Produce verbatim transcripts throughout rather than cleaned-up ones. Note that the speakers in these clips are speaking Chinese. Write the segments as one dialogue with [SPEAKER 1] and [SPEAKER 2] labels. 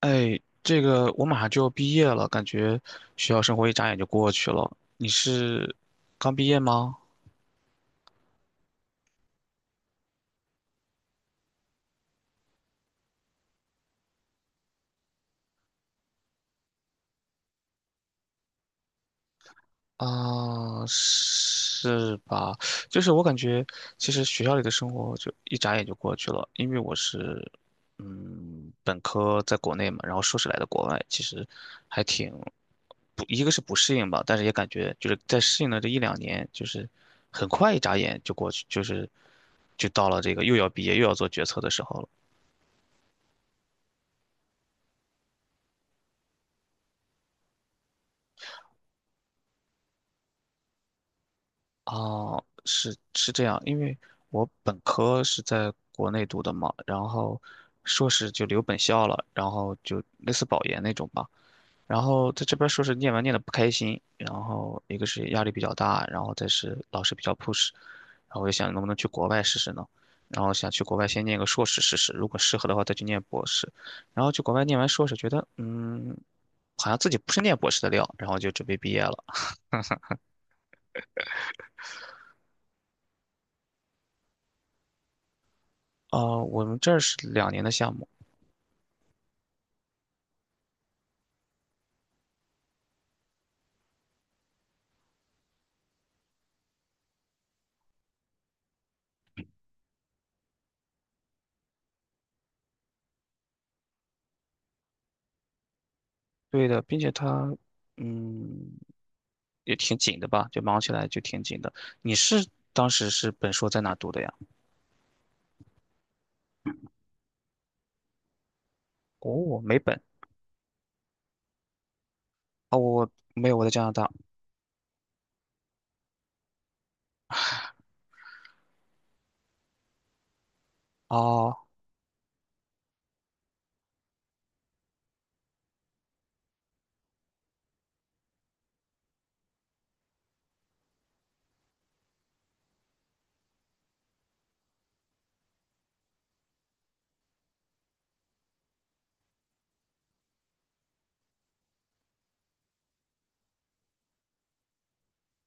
[SPEAKER 1] 哎，这个我马上就要毕业了，感觉学校生活一眨眼就过去了。你是刚毕业吗？啊，是吧？就是我感觉，其实学校里的生活就一眨眼就过去了，因为我是，嗯，本科在国内嘛，然后硕士来的国外，其实还挺不，一个是不适应吧，但是也感觉就是在适应了这一两年，就是很快一眨眼就过去，就是就到了这个又要毕业又要做决策的时候了。哦，是是这样，因为我本科是在国内读的嘛，然后硕士就留本校了，然后就类似保研那种吧。然后在这边硕士念完念的不开心，然后一个是压力比较大，然后再是老师比较 push，然后我就想能不能去国外试试呢？然后想去国外先念个硕士试试，如果适合的话再去念博士。然后去国外念完硕士，觉得嗯，好像自己不是念博士的料，然后就准备毕业了。呃，我们这儿是两年的项目。对的，并且他，嗯，也挺紧的吧，就忙起来就挺紧的。你是当时是本硕在哪读的呀？哦，没本，没有，我在加拿大。哦，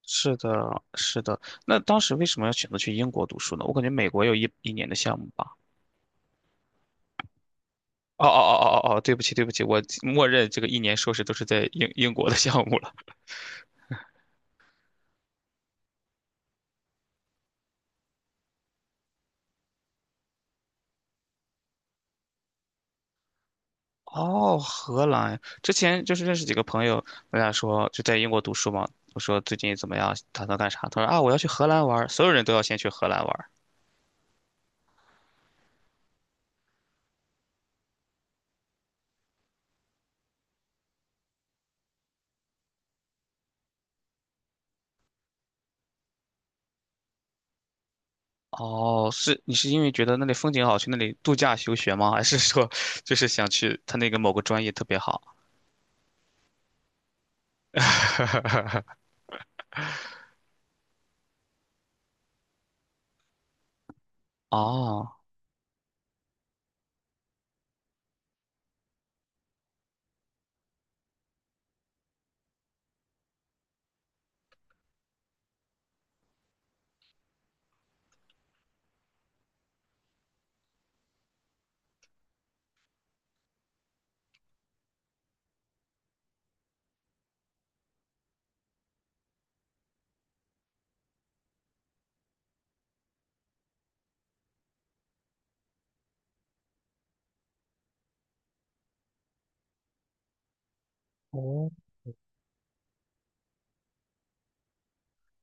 [SPEAKER 1] 是的，是的。那当时为什么要选择去英国读书呢？我感觉美国有一一年的项目吧。哦哦哦哦哦，哦，对不起，对不起，我默认这个一年硕士都是在英英国的项目了。哦，荷兰，之前就是认识几个朋友，我俩说就在英国读书嘛，我说最近怎么样，打算干啥？他说啊，我要去荷兰玩儿，所有人都要先去荷兰玩儿。哦，是你是因为觉得那里风景好，去那里度假休学吗？还是说 就是想去他那个某个专业特别好？哦，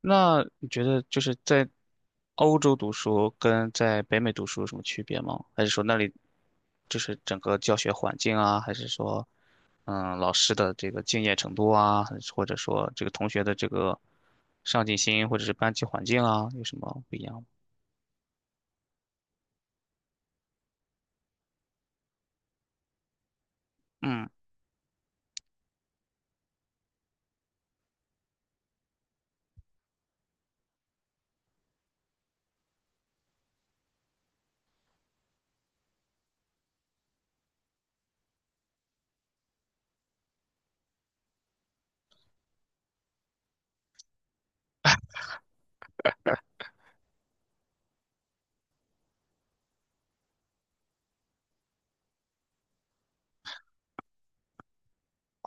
[SPEAKER 1] 那你觉得就是在欧洲读书跟在北美读书有什么区别吗？还是说那里就是整个教学环境啊，还是说嗯老师的这个敬业程度啊，还是或者说这个同学的这个上进心，或者是班级环境啊，有什么不一样吗？嗯，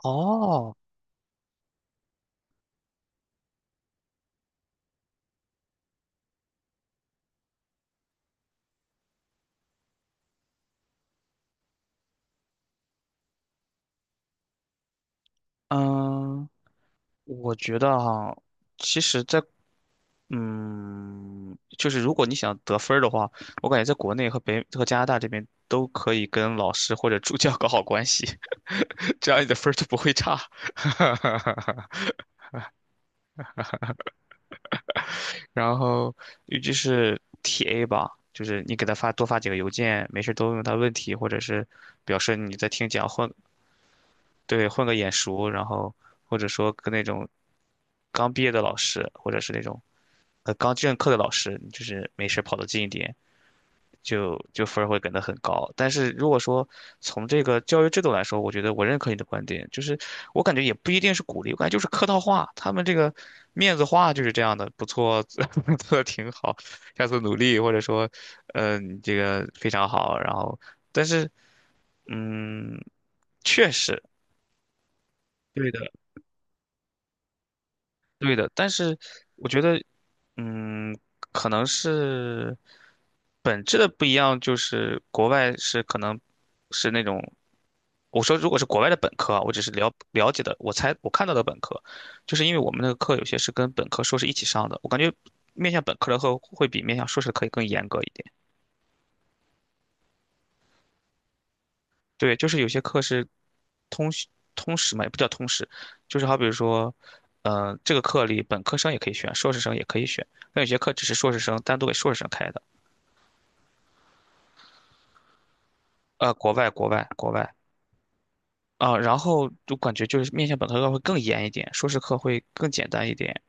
[SPEAKER 1] 哦，嗯。我觉得哈，其实在，嗯，就是如果你想得分儿的话，我感觉在国内和北和加拿大这边都可以跟老师或者助教 搞好关系，这样你的分儿就不会差。然后，尤其是 T A 吧，就是你给他发多发几个邮件，没事都问问他问题，或者是表示你在听讲或对，混个眼熟，然后或者说跟那种刚毕业的老师，或者是那种呃刚正课的老师，就是没事儿跑得近一点，就就分儿会给得很高。但是如果说从这个教育制度来说，我觉得我认可你的观点，就是我感觉也不一定是鼓励，我感觉就是客套话，他们这个面子话就是这样的，不错，做的挺好，下次努力，或者说，嗯、你这个非常好，然后但是嗯，确实。对的，对的，但是我觉得，嗯，可能是本质的不一样，就是国外是可能是那种，我说如果是国外的本科啊，我只是了了解的，我猜我看到的本科，就是因为我们那个课有些是跟本科、硕士一起上的，我感觉面向本科的课会比面向硕士的以更严格一点。对，就是有些课是通识通识嘛，也不叫通识，就是好比如说，嗯、这个课里本科生也可以选，硕士生也可以选。那有些课只是硕士生单独给硕士生开的。呃，国外国外国外啊，然后就感觉就是面向本科课会更严一点，硕士课会更简单一点。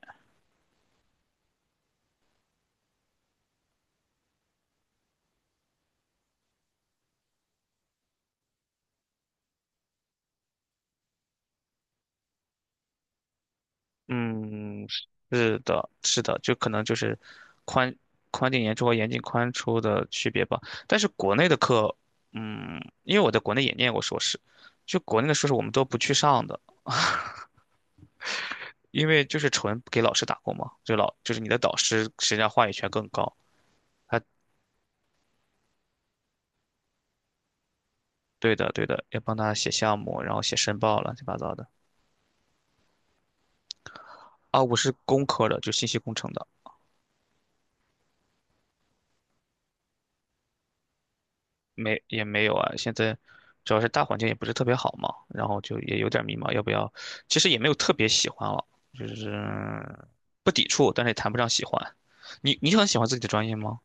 [SPEAKER 1] 嗯，是的，是的，就可能就是宽宽进严出和严进宽出的区别吧。但是国内的课，嗯，因为我在国内也念过硕士，就国内的硕士我们都不去上的。因为就是纯给老师打工嘛，就老就是你的导师实际上话语权更高。他对的对的，要帮他写项目，然后写申报，乱七八糟的。啊，我是工科的，就信息工程的，没也没有啊。现在主要是大环境也不是特别好嘛，然后就也有点迷茫，要不要？其实也没有特别喜欢了，就是不抵触，但是也谈不上喜欢。你你很喜欢自己的专业吗？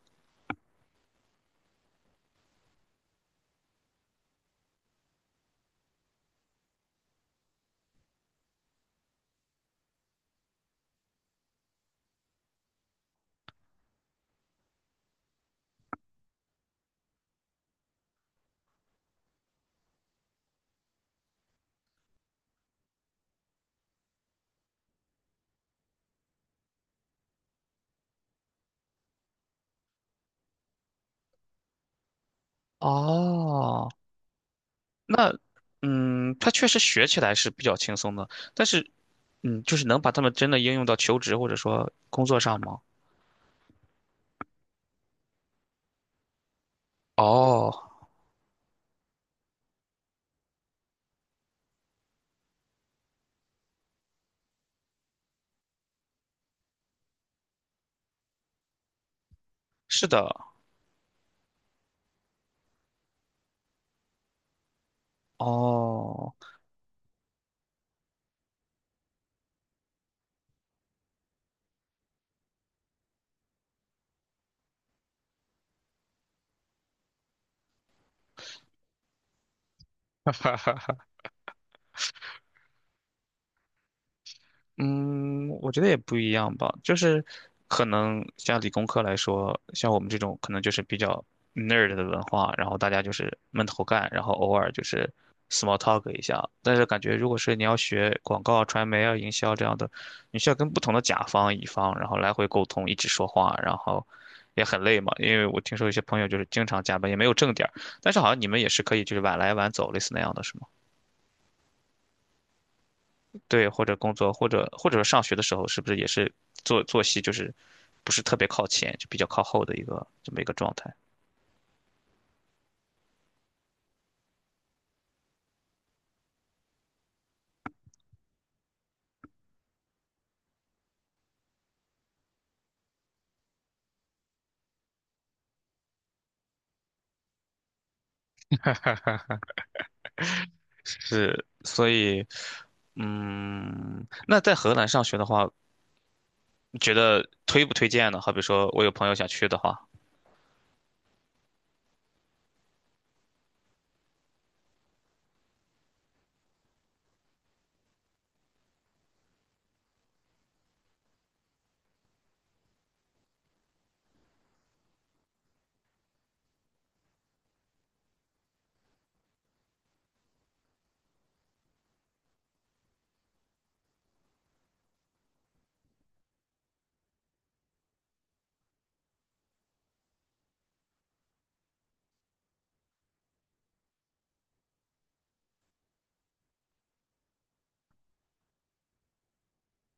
[SPEAKER 1] 哦，那，嗯，他确实学起来是比较轻松的，但是，嗯，就是能把他们真的应用到求职或者说工作上吗？哦，是的，哦，嗯，我觉得也不一样吧，就是可能像理工科来说，像我们这种可能就是比较 nerd 的文化，然后大家就是闷头干，然后偶尔就是 small talk 一下。但是感觉如果是你要学广告、传媒啊、营销这样的，你需要跟不同的甲方、乙方，然后来回沟通，一直说话，然后也很累嘛。因为我听说有些朋友就是经常加班，也没有正点儿，但是好像你们也是可以就是晚来晚走，类似那样的，是吗？对，或者工作，或者或者上学的时候，是不是也是作作息就是不是特别靠前，就比较靠后的一个这么一个状态？是，所以，嗯，那在荷兰上学的话，你觉得推不推荐呢？好比说我有朋友想去的话，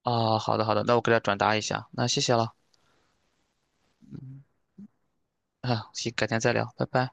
[SPEAKER 1] 啊，好的好的，那我给他转达一下，那谢谢了，啊，行，改天再聊，拜拜。